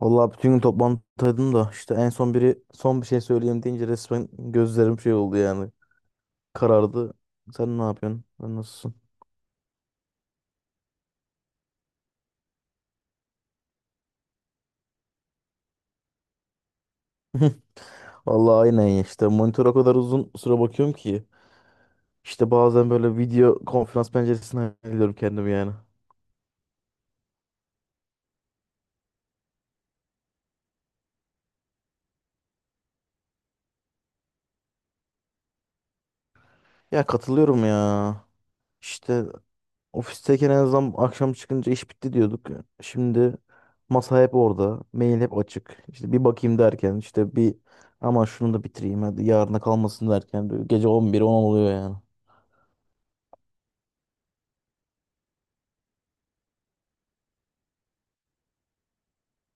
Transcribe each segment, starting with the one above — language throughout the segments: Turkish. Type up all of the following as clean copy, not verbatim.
Vallahi bütün gün toplantıdaydım da işte en son biri son bir şey söyleyeyim deyince resmen gözlerim şey oldu yani. Karardı. Sen ne yapıyorsun? Sen nasılsın? Vallahi aynen ya işte monitöre o kadar uzun süre bakıyorum ki. İşte bazen böyle video konferans penceresine alıyorum kendimi yani. Ya katılıyorum ya. İşte ofisteyken en azından akşam çıkınca iş bitti diyorduk. Şimdi masa hep orada. Mail hep açık. İşte bir bakayım derken işte bir aman şunu da bitireyim hadi yarına kalmasın derken böyle gece 11 10 oluyor yani.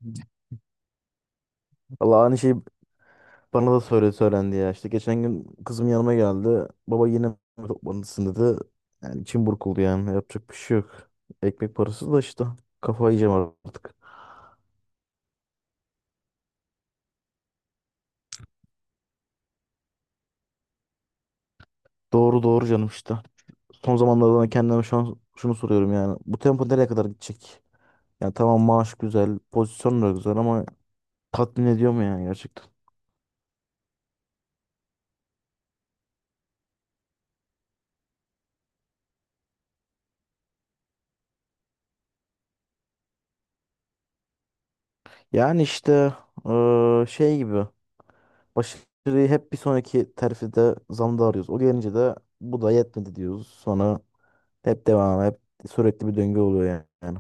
Valla aynı şey bana da söylendi ya. İşte geçen gün kızım yanıma geldi. Baba yine mi toplantısın dedi. Yani içim burkuldu yani. Yapacak bir şey yok. Ekmek parası da işte. Kafayı yiyeceğim artık. Doğru doğru canım işte. Son zamanlarda da kendime şu an şunu soruyorum yani. Bu tempo nereye kadar gidecek? Ya tamam maaş güzel, pozisyon da güzel ama tatmin ediyor mu yani gerçekten? Yani işte şey gibi başarıyı hep bir sonraki terfide zamda arıyoruz. O gelince de bu da yetmedi diyoruz. Sonra hep devam, hep sürekli bir döngü oluyor yani.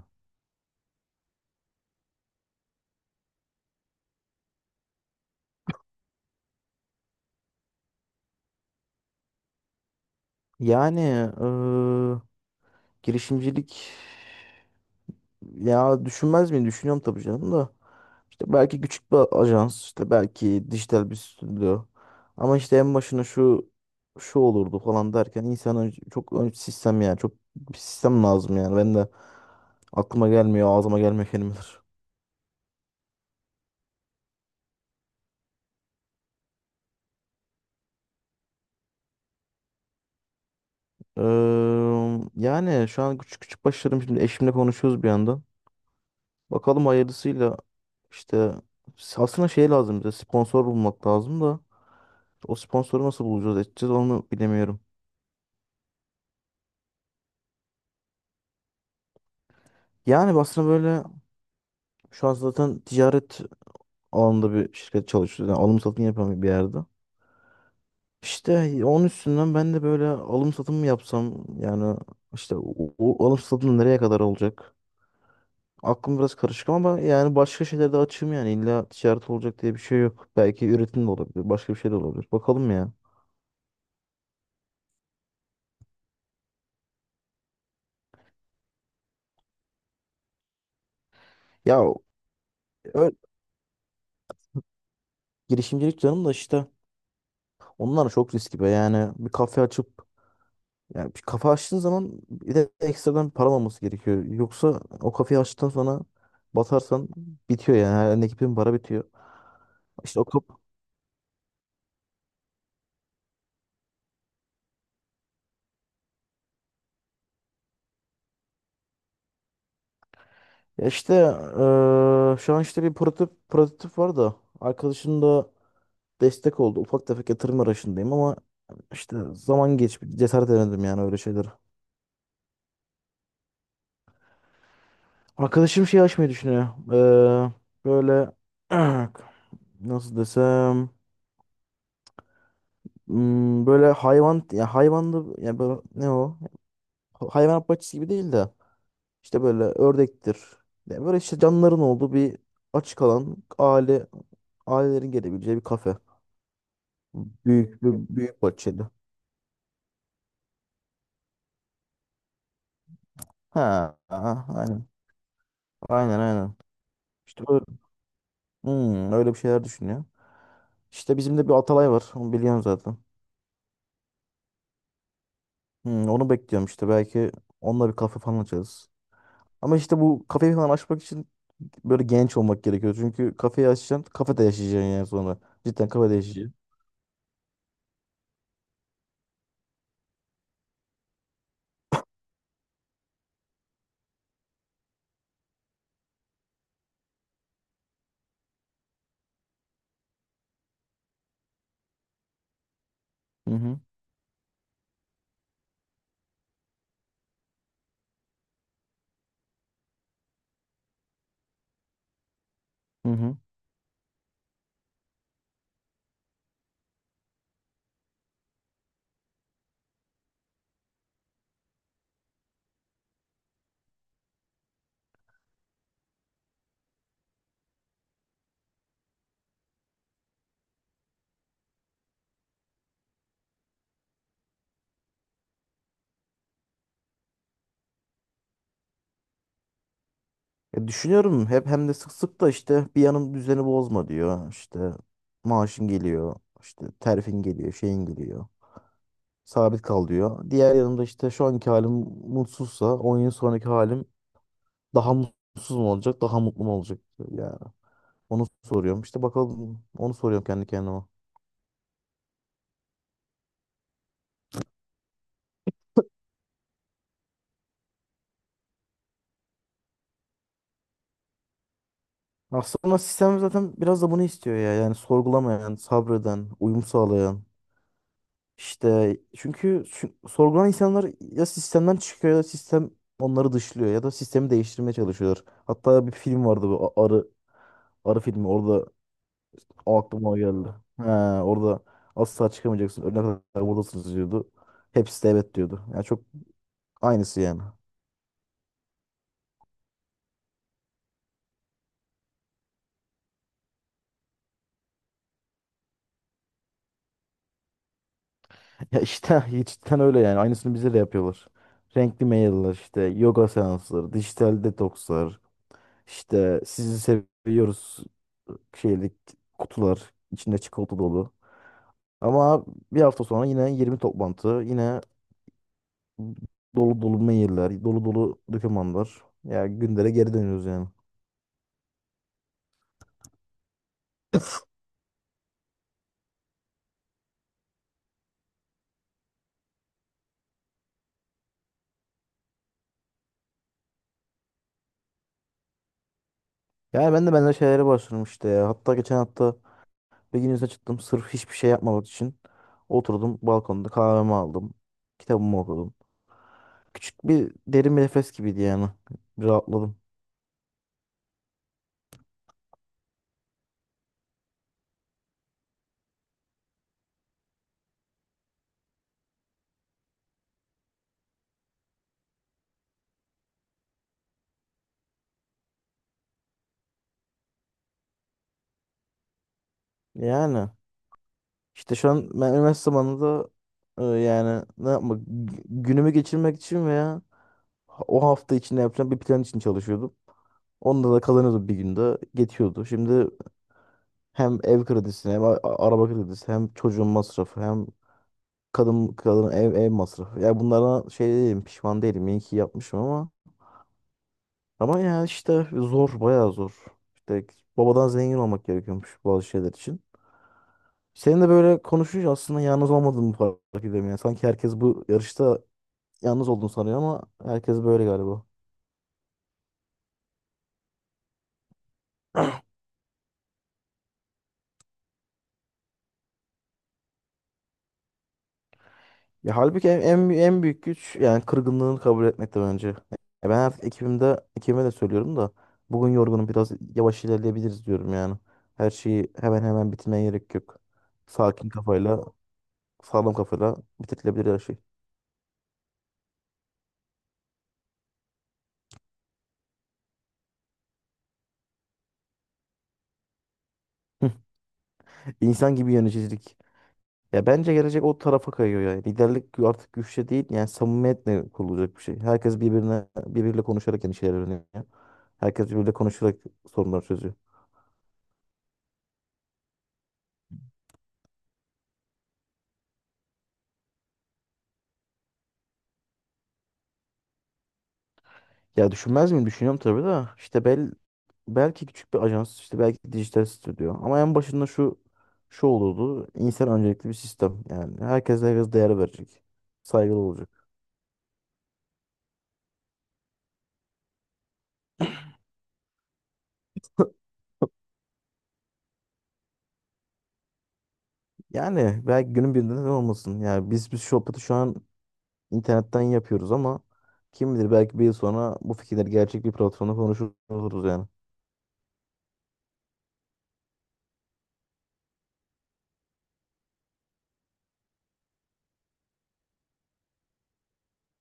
Yani eee, girişimcilik. Ya düşünmez miyim? Düşünüyorum tabii canım da. İşte belki küçük bir ajans, işte belki dijital bir stüdyo. Ama işte en başına şu olurdu falan derken insanın çok sistem yani çok bir sistem lazım yani. Ben de aklıma gelmiyor, ağzıma gelmiyor kelimeler. Yani şu an küçük küçük başlarım şimdi eşimle konuşuyoruz bir yandan. Bakalım hayırlısıyla işte aslında şey lazım bize sponsor bulmak lazım da o sponsoru nasıl bulacağız edeceğiz onu bilemiyorum. Yani aslında böyle şu an zaten ticaret alanında bir şirket çalışıyor. Yani alım satım yapan bir yerde. İşte onun üstünden ben de böyle alım satım mı yapsam yani işte o alım satım nereye kadar olacak? Aklım biraz karışık ama yani başka şeyler de açığım yani illa ticaret olacak diye bir şey yok. Belki üretim de olabilir, başka bir şey de olabilir. Bakalım ya. Ya ö- girişimcilik canım da işte onlar çok riskli be yani bir kafe açıp. Yani bir kafe açtığın zaman bir de ekstradan param olması gerekiyor. Yoksa o kafeyi açtıktan sonra batarsan bitiyor yani. Her elindeki bütün para bitiyor. İşte o kap ya işte şu an işte bir prototip var da arkadaşım da destek oldu. Ufak tefek yatırım arayışındayım ama işte zaman geç cesaret edemedim yani öyle şeyler. Arkadaşım şey açmayı düşünüyor. Eee, böyle nasıl desem, hmm, böyle hayvan ya hayvanlı ya böyle ne o? Hayvanat bahçesi gibi değil de işte böyle ördektir. Yani böyle işte canlıların olduğu bir açık alan ailelerin gelebileceği bir kafe. Büyük bahçeli. Ha, ha, aynen. Aynen, aynen. İşte böyle, hmm, öyle bir şeyler düşünüyor. İşte bizim de bir Atalay var. Onu biliyorum zaten. Hmm, onu bekliyorum işte. Belki onunla bir kafe falan açarız. Ama işte bu kafeyi falan açmak için böyle genç olmak gerekiyor. Çünkü kafeyi açacaksın, kafede yaşayacaksın yani sonra. Cidden kafede yaşayacaksın. Hı hı. Hı hı. Ya düşünüyorum hep hem de sık sık da işte bir yanım düzeni bozma diyor. İşte maaşın geliyor, işte terfin geliyor, şeyin geliyor. Sabit kal diyor. Diğer yanımda işte şu anki halim mutsuzsa 10 yıl sonraki halim daha mutsuz mu olacak, daha mutlu mu olacak? Yani onu soruyorum. İşte bakalım onu soruyorum kendi kendime. Aslında sistem zaten biraz da bunu istiyor ya. Yani sorgulamayan, sabreden, uyum sağlayan. İşte çünkü sorgulanan insanlar ya sistemden çıkıyor ya da sistem onları dışlıyor ya da sistemi değiştirmeye çalışıyorlar. Hatta bir film vardı bu Arı Arı filmi, orada o aklıma geldi. He, orada asla çıkamayacaksın. Ölene kadar buradasınız diyordu. Hepsi de evet diyordu. Yani çok aynısı yani. Ya işte cidden öyle yani. Aynısını bize de yapıyorlar. Renkli mailler işte yoga seansları, dijital detokslar, işte sizi seviyoruz şeylik kutular içinde çikolata dolu. Ama bir hafta sonra yine 20 toplantı, yine dolu dolu mailler, dolu dolu dokümanlar. Ya gündere geri dönüyoruz yani. Yani ben de benzer şeylere başladım işte ya. Hatta geçen hafta bir gün izne çıktım sırf hiçbir şey yapmamak için. Oturdum balkonda kahvemi aldım. Kitabımı okudum. Küçük bir derin bir nefes gibiydi yani. Bir rahatladım. Yani işte şu an ben üniversite zamanında yani ne yapmak günümü geçirmek için veya o hafta içinde yapacağım bir plan için çalışıyordum. Onda da kazanıyordum bir günde. Geçiyordu. Şimdi hem ev kredisi hem araba kredisi hem çocuğun masrafı hem kadın ev masrafı. Ya bunlara şey değilim, pişman değilim. İyi ki yapmışım ama ama ya işte zor, bayağı zor. İşte babadan zengin olmak gerekiyormuş bazı şeyler için. Senin de böyle konuşunca aslında yalnız olmadığımı fark ediyorum yani. Sanki herkes bu yarışta yalnız olduğunu sanıyor ama herkes böyle galiba. Ya halbuki en büyük güç yani kırgınlığını kabul etmek de bence. Ya ben artık ekibime de söylüyorum da bugün yorgunum biraz yavaş ilerleyebiliriz diyorum yani. Her şeyi hemen hemen bitirmeye gerek yok. Sakin kafayla, sağlam kafayla bitirilebilir her şey. İnsan gibi yöneticilik. Ya bence gelecek o tarafa kayıyor yani. Liderlik artık güçle değil yani samimiyetle kurulacak bir şey. Herkes birbiriyle konuşarak yeni şeyler öğreniyor. Herkes birbiriyle konuşarak sorunları çözüyor. Ya düşünmez miyim? Düşünüyorum tabii de. İşte belki küçük bir ajans, işte belki dijital stüdyo. Ama en başında şu olurdu. İnsan öncelikli bir sistem. Yani herkes değer verecek. Saygılı olacak. Yani belki günün birinde neden olmasın. Yani biz Şopat'ı şu an internetten yapıyoruz ama kim bilir belki 1 yıl sonra bu fikirler gerçek bir platformda konuşuruz yani.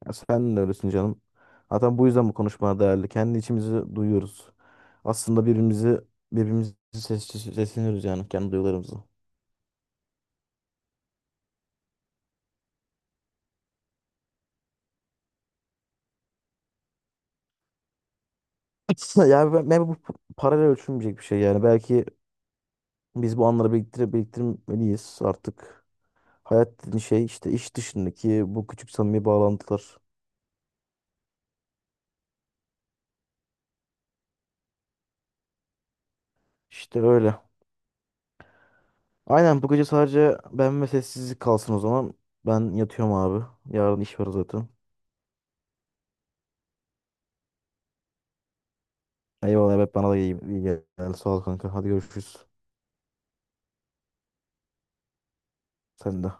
Ya sen de öylesin canım. Zaten bu yüzden bu konuşma değerli. Kendi içimizi duyuyoruz. Aslında birbirimizi sesleniyoruz yani kendi duygularımızı. Yani ben bu paralel ölçülmeyecek bir şey yani. Belki biz bu anları biriktirmeliyiz artık. Hayat dediğin şey işte iş dışındaki bu küçük samimi bağlantılar. İşte öyle. Aynen bu gece sadece ben ve sessizlik kalsın o zaman. Ben yatıyorum abi. Yarın iş var zaten. Eyvallah, evet bana da iyi gel. Sağ ol kanka. Hadi görüşürüz. Sen de.